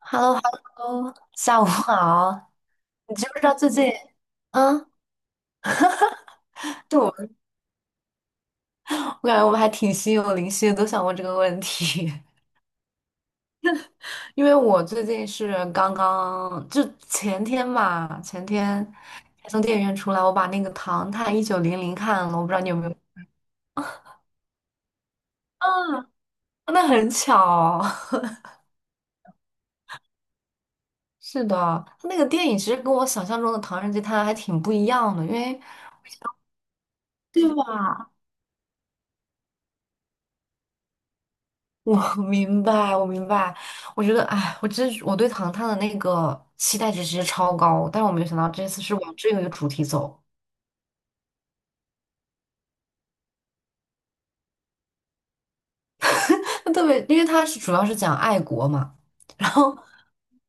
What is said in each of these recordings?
Hello, hello 下午好。你知不知道最近，嗯，就我们我感觉我们还挺心有灵犀的，都想问这个问题。因为我最近是刚刚，就前天吧，前天才从电影院出来，我把那个《唐探1900》看了，我不知道你有没有？啊，那很巧。是的，他那个电影其实跟我想象中的《唐人街探案》还挺不一样的，因为对吧？我 明白，我明白。我觉得，哎，我真是我对糖糖的那个期待值其实超高，但是我没有想到这次是往这个主题走。特别，因为它是主要是讲爱国嘛，然后，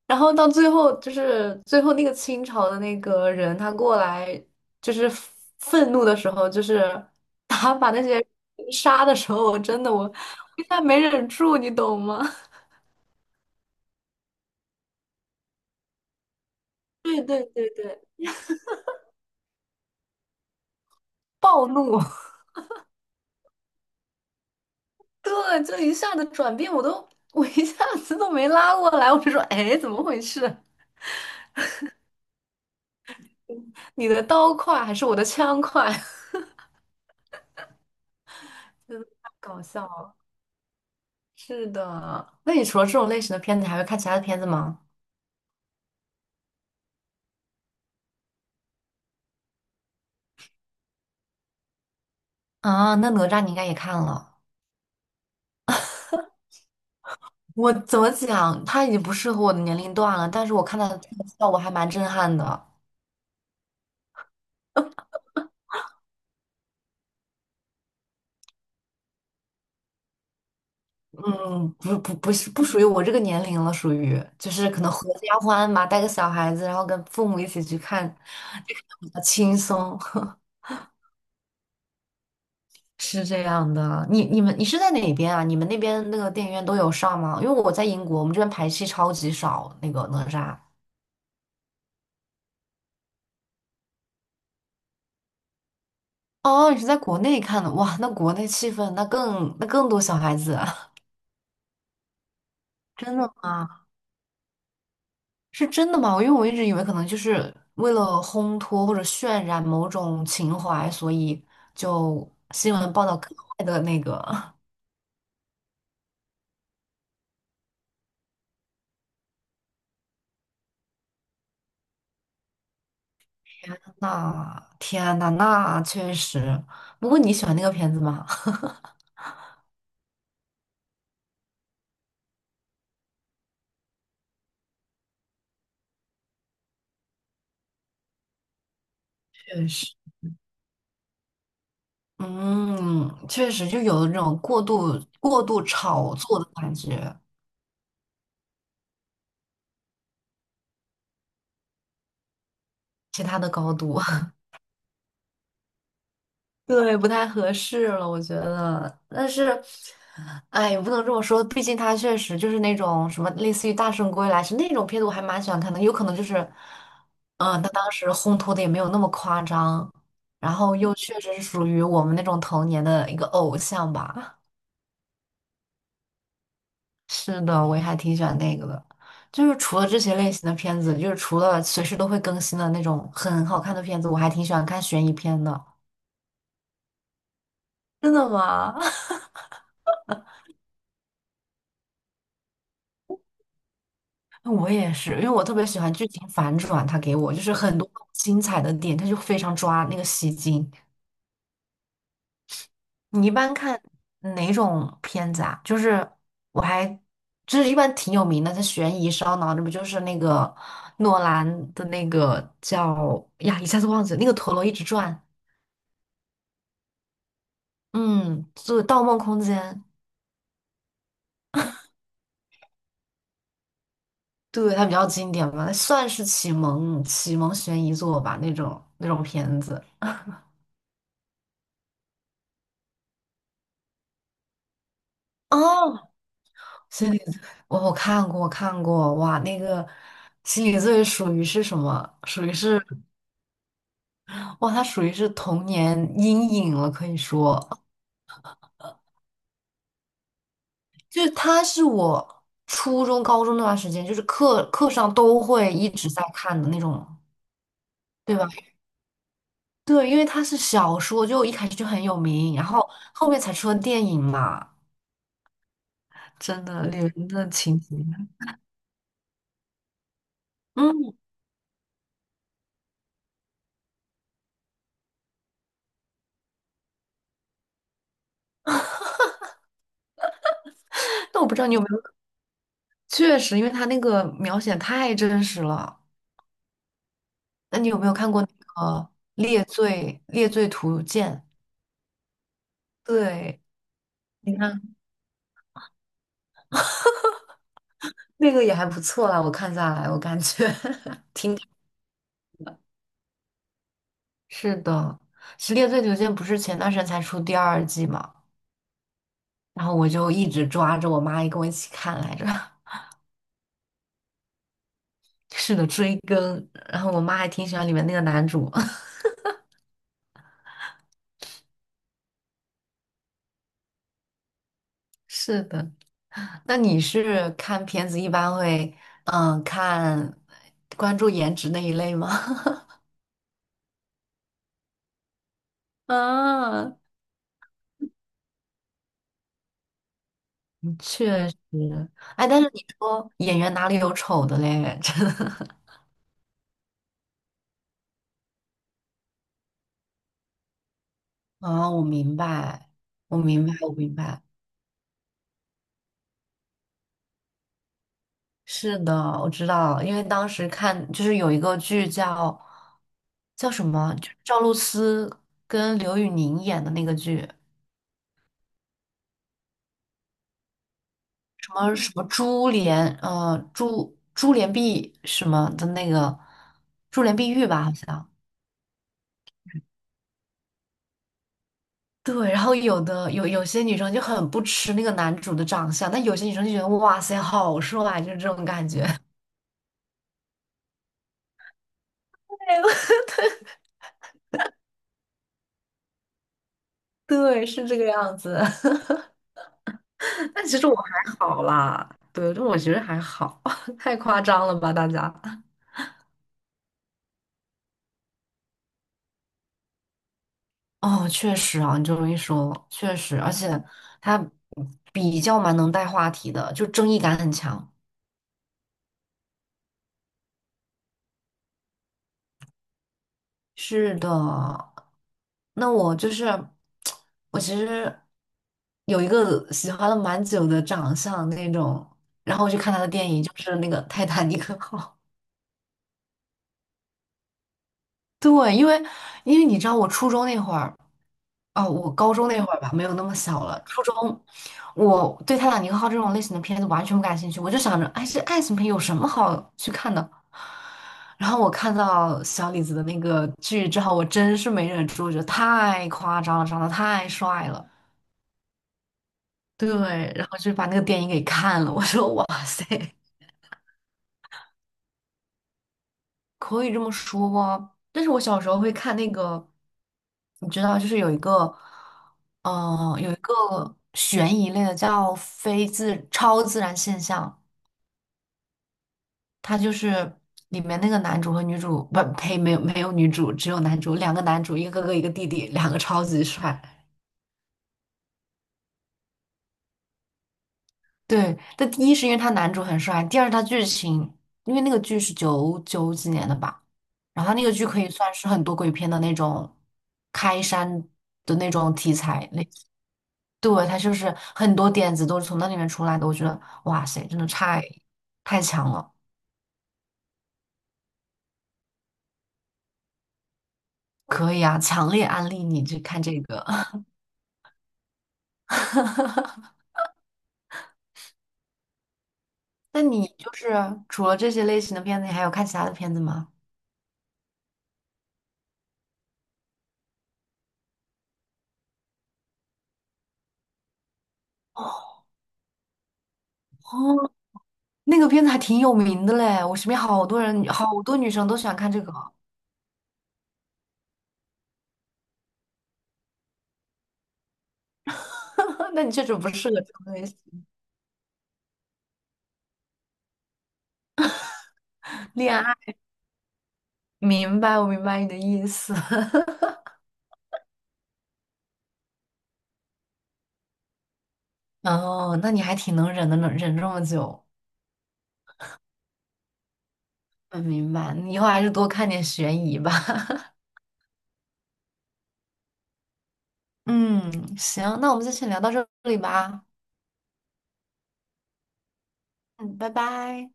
然后到最后就是最后那个清朝的那个人他过来就是愤怒的时候，就是他把那些人杀的时候，我真的，我一下没忍住，你懂吗？对对对对，暴怒。对，就一下子转变，我一下子都没拉过来，我就说，哎，怎么回事？你的刀快还是我的枪快？真的太搞笑了。是的，那你除了这种类型的片子，还会看其他的片子吗？啊，那哪吒你应该也看了。我怎么讲，它已经不适合我的年龄段了，但是我看它的特效，我还蛮震撼的。嗯，不不不是不属于我这个年龄了，属于就是可能合家欢嘛，带个小孩子，然后跟父母一起去看，就看得比较轻松。是这样的，你是在哪边啊？你们那边那个电影院都有上吗？因为我在英国，我们这边排戏超级少，那个哪吒。哦，你是在国内看的，哇，那国内气氛那更多小孩子啊，真的吗？是真的吗？因为我一直以为可能就是为了烘托或者渲染某种情怀，所以就新闻报道格外的那个。那天呐，那确实。不过你喜欢那个片子吗？确实。嗯，确实就有那种过度炒作的感觉，其他的高度，对，不太合适了，我觉得。但是，哎，也不能这么说，毕竟他确实就是那种什么类似于《大圣归来》是那种片子，我还蛮喜欢看的。有可能就是，嗯，他当时烘托的也没有那么夸张，然后又确实是属于我们那种童年的一个偶像吧。是的，我也还挺喜欢那个的。就是除了这些类型的片子，就是除了随时都会更新的那种很好看的片子，我还挺喜欢看悬疑片的。真的吗？我也是，因为我特别喜欢剧情反转，它给我就是很多精彩的点，它就非常抓那个吸睛。你一般看哪种片子啊？就是我还就是一般挺有名的，它悬疑烧脑，那不就是那个诺兰的那个叫呀，一下子忘记了那个陀螺一直转。嗯，就盗梦空间》，对，它比较经典吧，算是启蒙悬疑作吧，那种片子。哦，心理罪，我看过，我看过，哇，那个心理罪属于是什么？属于是，哇，它属于是童年阴影了，可以说，就是它是我初中、高中那段时间，就是课上都会一直在看的那种，对吧？对，因为它是小说，就一开始就很有名，然后后面才出了电影嘛。真的，里面的情节，嗯，但我不知道你有没有，确实，因为他那个描写太真实了。那你有没有看过那个《猎罪图鉴》？对，你看那个也还不错啦，我看下来，我感觉 是的。其实《猎罪图鉴》不是前段时间才出第2季嘛，然后我就一直抓着我妈也跟我一起看来着，是的，追更。然后我妈还挺喜欢里面那个男主，是的。那你是看片子一般会嗯看关注颜值那一类吗？啊，确实，哎，但是你说演员哪里有丑的嘞？真的啊，我明白，我明白，我明白。是的，我知道，因为当时看就是有一个剧叫叫什么，就是赵露思跟刘宇宁演的那个剧。什么什么珠帘，珠帘碧什么的那个珠帘碧玉吧，好像。对，然后有些女生就很不吃那个男主的长相，但有些女生就觉得哇塞，好帅，就是这种感觉。对，对是这个样子。但其实我还好啦，对，这我觉得还好，太夸张了吧，大家。哦，确实啊，你这么一说，确实，而且他比较蛮能带话题的，就争议感很强。是的，那我就是 我其实有一个喜欢了蛮久的长相那种，然后我去看他的电影，就是那个《泰坦尼克号》。对，因为你知道，我初中那会儿。哦，我高中那会儿吧，没有那么小了。初中，我对《泰坦尼克号》这种类型的片子完全不感兴趣，我就想着，哎，这爱情片有什么好去看的？然后我看到小李子的那个剧之后，我真是没忍住，我觉得太夸张了，长得太帅了，对，然后就把那个电影给看了。我说，哇塞！可以这么说，但是我小时候会看那个，你知道，就是有一个，有一个悬疑类的叫非自超自然现象，它就是里面那个男主和女主，不呸，没有没有女主，只有男主，两个男主，一个哥哥一个弟弟，两个超级帅。对，但第一是因为他男主很帅，第二他剧情，因为那个剧是九九几年的吧，然后他那个剧可以算是很多鬼片的那种开山的那种题材类型对，他就是很多点子都是从那里面出来的，我觉得哇塞，真的太强了，可以啊，强烈安利你去看这个。那你就是除了这些类型的片子，你还有看其他的片子吗？哦，那个片子还挺有名的嘞，我身边好多人，好多女生都喜欢看这个。那你确实不适合这种类型，恋爱。明白，我明白你的意思。哦，那你还挺能忍的，能忍这么久。嗯，明白。你以后还是多看点悬疑吧。嗯，行，那我们就先聊到这里吧。嗯，拜拜。